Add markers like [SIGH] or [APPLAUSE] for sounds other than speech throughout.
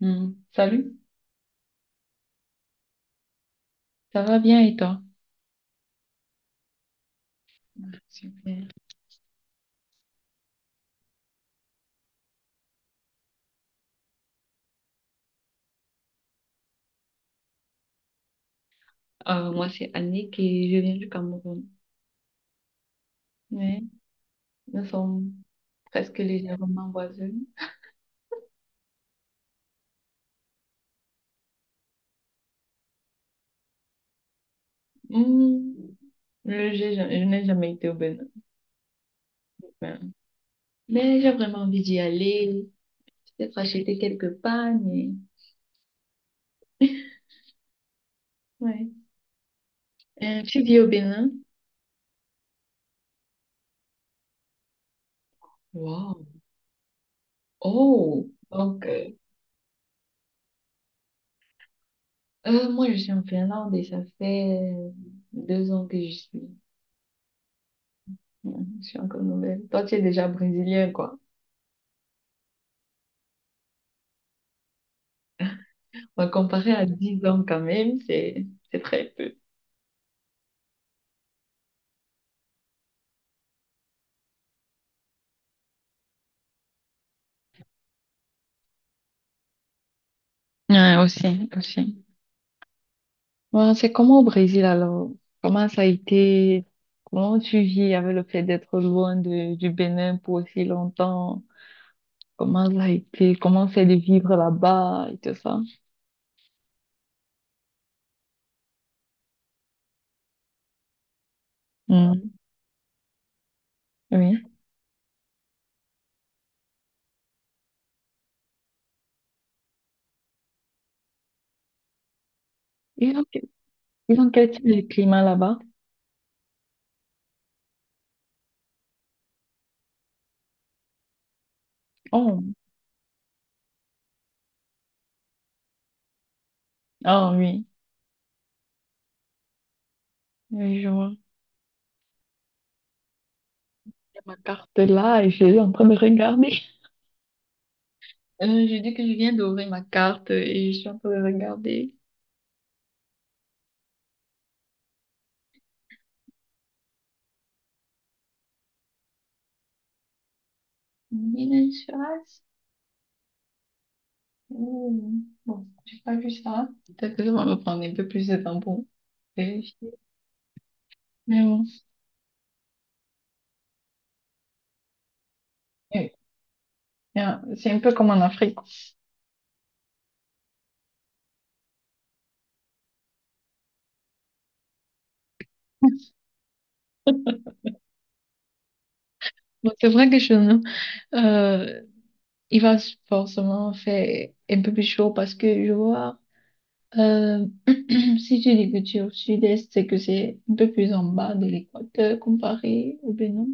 Hmm. Salut, ça va bien et toi? Super. Moi, c'est Annick et je viens du Cameroun. Ouais. Nous sommes presque légèrement voisins. Hmm. Je n'ai jamais été au Bénin, mais, mais j'ai vraiment envie d'y aller, peut-être acheter quelques pagnes. Ouais. Tu vis au Bénin? Wow. Oh, donc, moi, je suis en Finlande et ça fait 2 ans que je suis. Hmm. Je suis encore nouvelle. Toi, tu es déjà brésilienne, quoi. Bah, comparé à 10 ans quand même, c'est très peu. Ouais, aussi, aussi. Ouais, c'est comment au Brésil alors? Comment ça a été? Comment tu vis avec le fait d'être loin du Bénin pour aussi longtemps? Comment ça a été? Comment c'est de vivre là-bas et tout ça? Mm. Oui. Ils ont, que- Ils ont quel type de climat là-bas? Oh, ah oui. Oui, je vois. Il y a ma carte là et je suis en train de regarder. [LAUGHS] Je dis que je viens d'ouvrir ma carte et je suis en train de regarder. Mylène Farce? Ouh. Bon, j'ai pas vu ça. Peut-être que je vais me prendre un peu plus de temps pour vérifier. Mais bon, eh bien, c'est un peu comme en Afrique. [LAUGHS] Bon, c'est vrai que chez nous, euh, il va forcément faire un peu plus chaud parce que je vois, euh, [CLEARS THROAT] si tu dis que tu es au sud-est, c'est que c'est un peu plus en bas de l'équateur comparé au Bénin.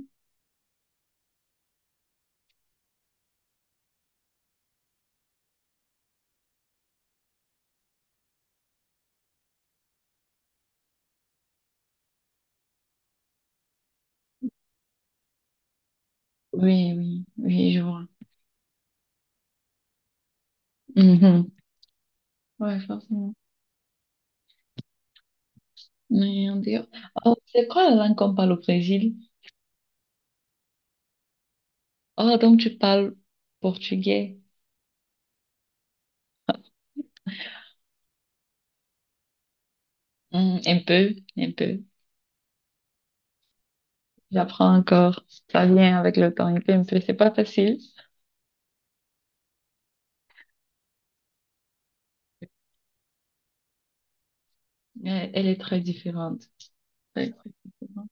Oui, oui, oui, je vois. Mhm. Ouais, forcément. Oui, on dit- Oh, c'est quoi la langue qu'on parle au Brésil? Oh, donc tu parles portugais? Hmm, un peu, un peu. J'apprends encore. Ça vient avec le temps, un peu, un peu. C'est pas facile, mais elle est très différente. Très, très différente.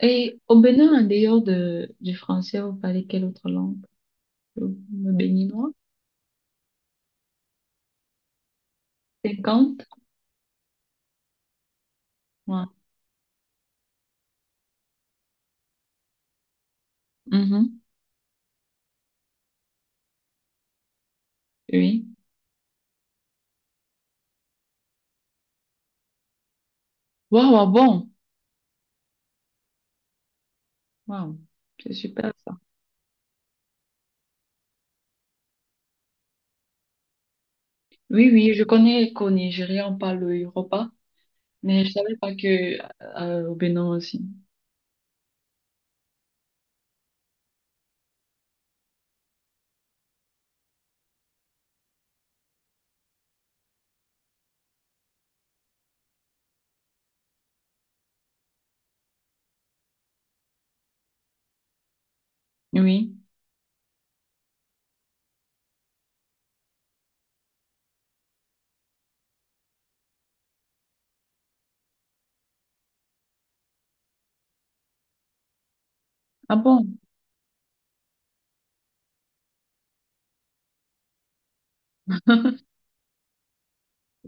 Et au Bénin, en dehors du français, vous parlez quelle autre langue? Le le béninois? 50. Ouais. Mhm. Oui. Waouh, waouh, bon. Waouh, c'est super ça. Oui, oui, je connais qu'au Nigeria, on parle le Yoruba. Mais je savais pas que au Bénin aussi. Oui. Ah bon?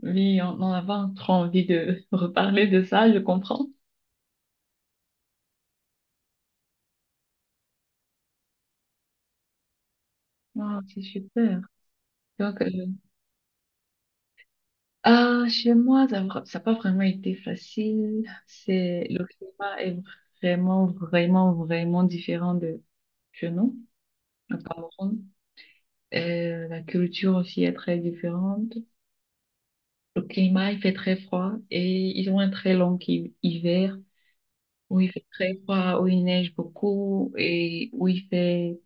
Oui, on avait encore envie de [LAUGHS] reparler de ça, je comprends. Ah, c'est super. Donc, euh, ah, chez moi, ça n'a pas vraiment été facile. C'est, le climat est vraiment, vraiment, vraiment différent de chez nous, au Cameroun. La culture aussi est très différente. Le climat, il fait très froid et ils ont un très long hiver, où il fait très froid, où il neige beaucoup et où il fait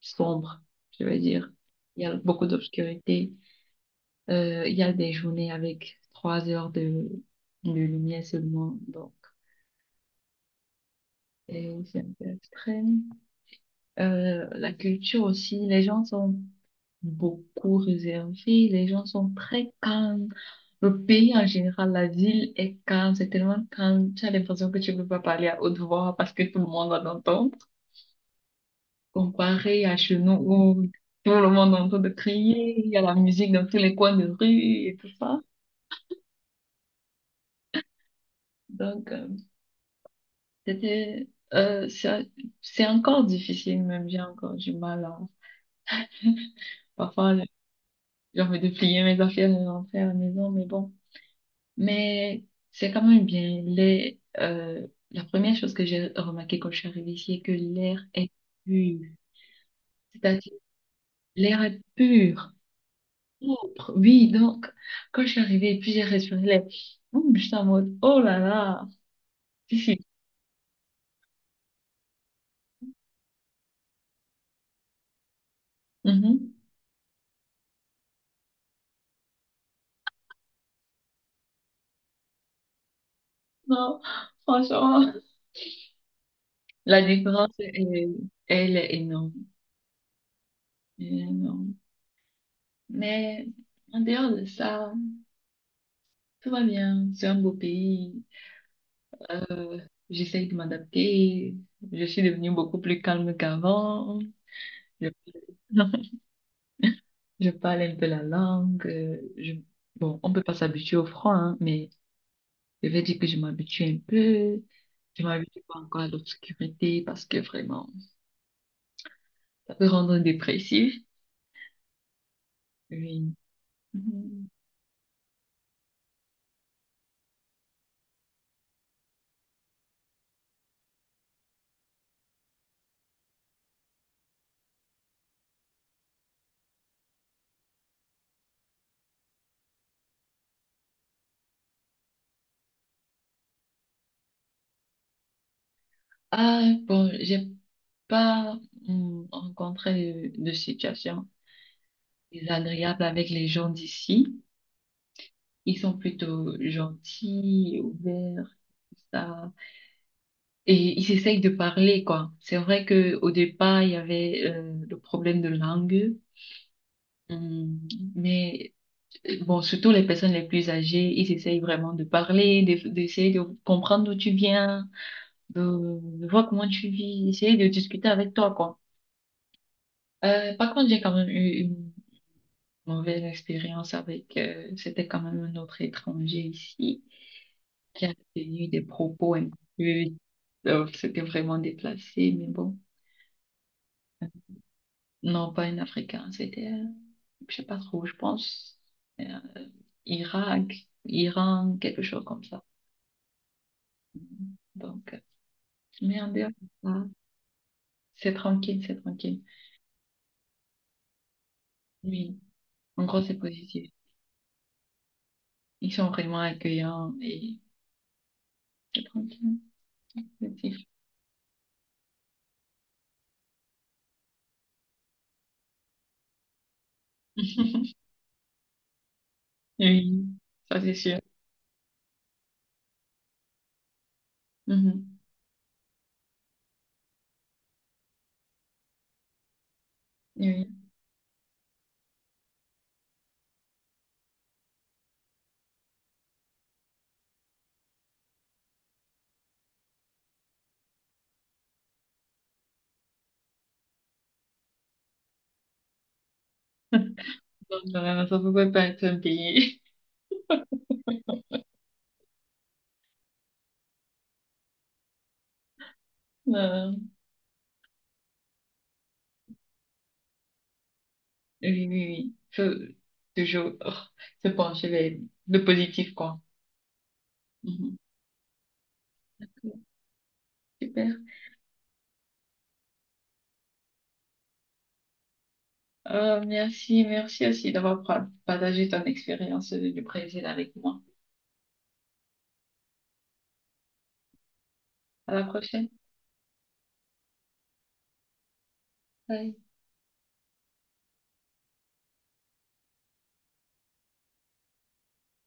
sombre, je veux dire. Il y a beaucoup d'obscurité. Il y a des journées avec 3 heures de lumière seulement, donc et c'est un peu extrême. La culture aussi, les gens sont beaucoup réservés, les gens sont très calmes. Le pays en général, la ville est calme, c'est tellement calme, tu as l'impression que tu ne peux pas parler à haute voix parce que tout le monde va t'entendre, comparé à chez nous où tout le monde est en train de crier, il y a la musique dans tous les coins de rue et tout ça. Donc, euh, c'était, euh, c'est c'est encore difficile, même j'ai encore du mal à, parfois, j'ai envie de plier mes affaires et de rentrer à la maison, mais bon. Mais c'est quand même bien. La première chose que j'ai remarqué quand je suis arrivée ici est que l'air est pur. C'est-à-dire, l'air est pur, propre. Oui, donc, quand je suis arrivée, puis j'ai respiré, l'air, j'étais en mode, oh là là, si, si. Mhm. Non, franchement, la différence, elle est énorme. Elle est énorme. Mais en dehors de ça, tout va bien, c'est un beau pays, euh, j'essaye de m'adapter, je suis devenue beaucoup plus calme qu'avant, je, [LAUGHS] je parle un peu la langue, bon, on peut pas s'habituer au froid, hein, mais je vais dire que je m'habitue un peu. Je m'habitue pas encore à l'obscurité parce que vraiment, ça peut rendre dépressif. Oui. Mhm. Ah, bon, j'ai pas rencontré de situation désagréable avec les gens d'ici. Ils sont plutôt gentils, ouverts, tout ça. Et ils essayent de parler, quoi. C'est vrai que au départ, il y avait le problème de langue. Hum, Mais Bon, surtout les personnes les plus âgées, ils essayent vraiment de parler, d'essayer de comprendre d'où tu viens, de, de voir comment tu vis, essayer de discuter avec toi, quoi. Par contre, j'ai quand même eu une mauvaise expérience avec, c'était quand même un autre étranger ici qui a tenu des propos un peu, c'était vraiment déplacé, mais bon, non, pas un Africain, c'était, je sais pas trop, je pense, euh, Irak, Iran, quelque chose comme ça. Donc, euh, Mais en dehors de ça, c'est tranquille, c'est tranquille. Oui, en gros, c'est positif. Ils sont vraiment accueillants et c'est tranquille, c'est positif. [LAUGHS] Oui, ça c'est sûr. Mhm. Oui, donc voilà, ça ne pouvait pas être un pays. [LAUGHS] Non, non. Oui, oui, oui. Faut toujours oh, se pencher vers le positif, quoi. Mhm. Super. Merci, merci aussi partagé ton expérience du Brésil avec moi. À la prochaine. Bye.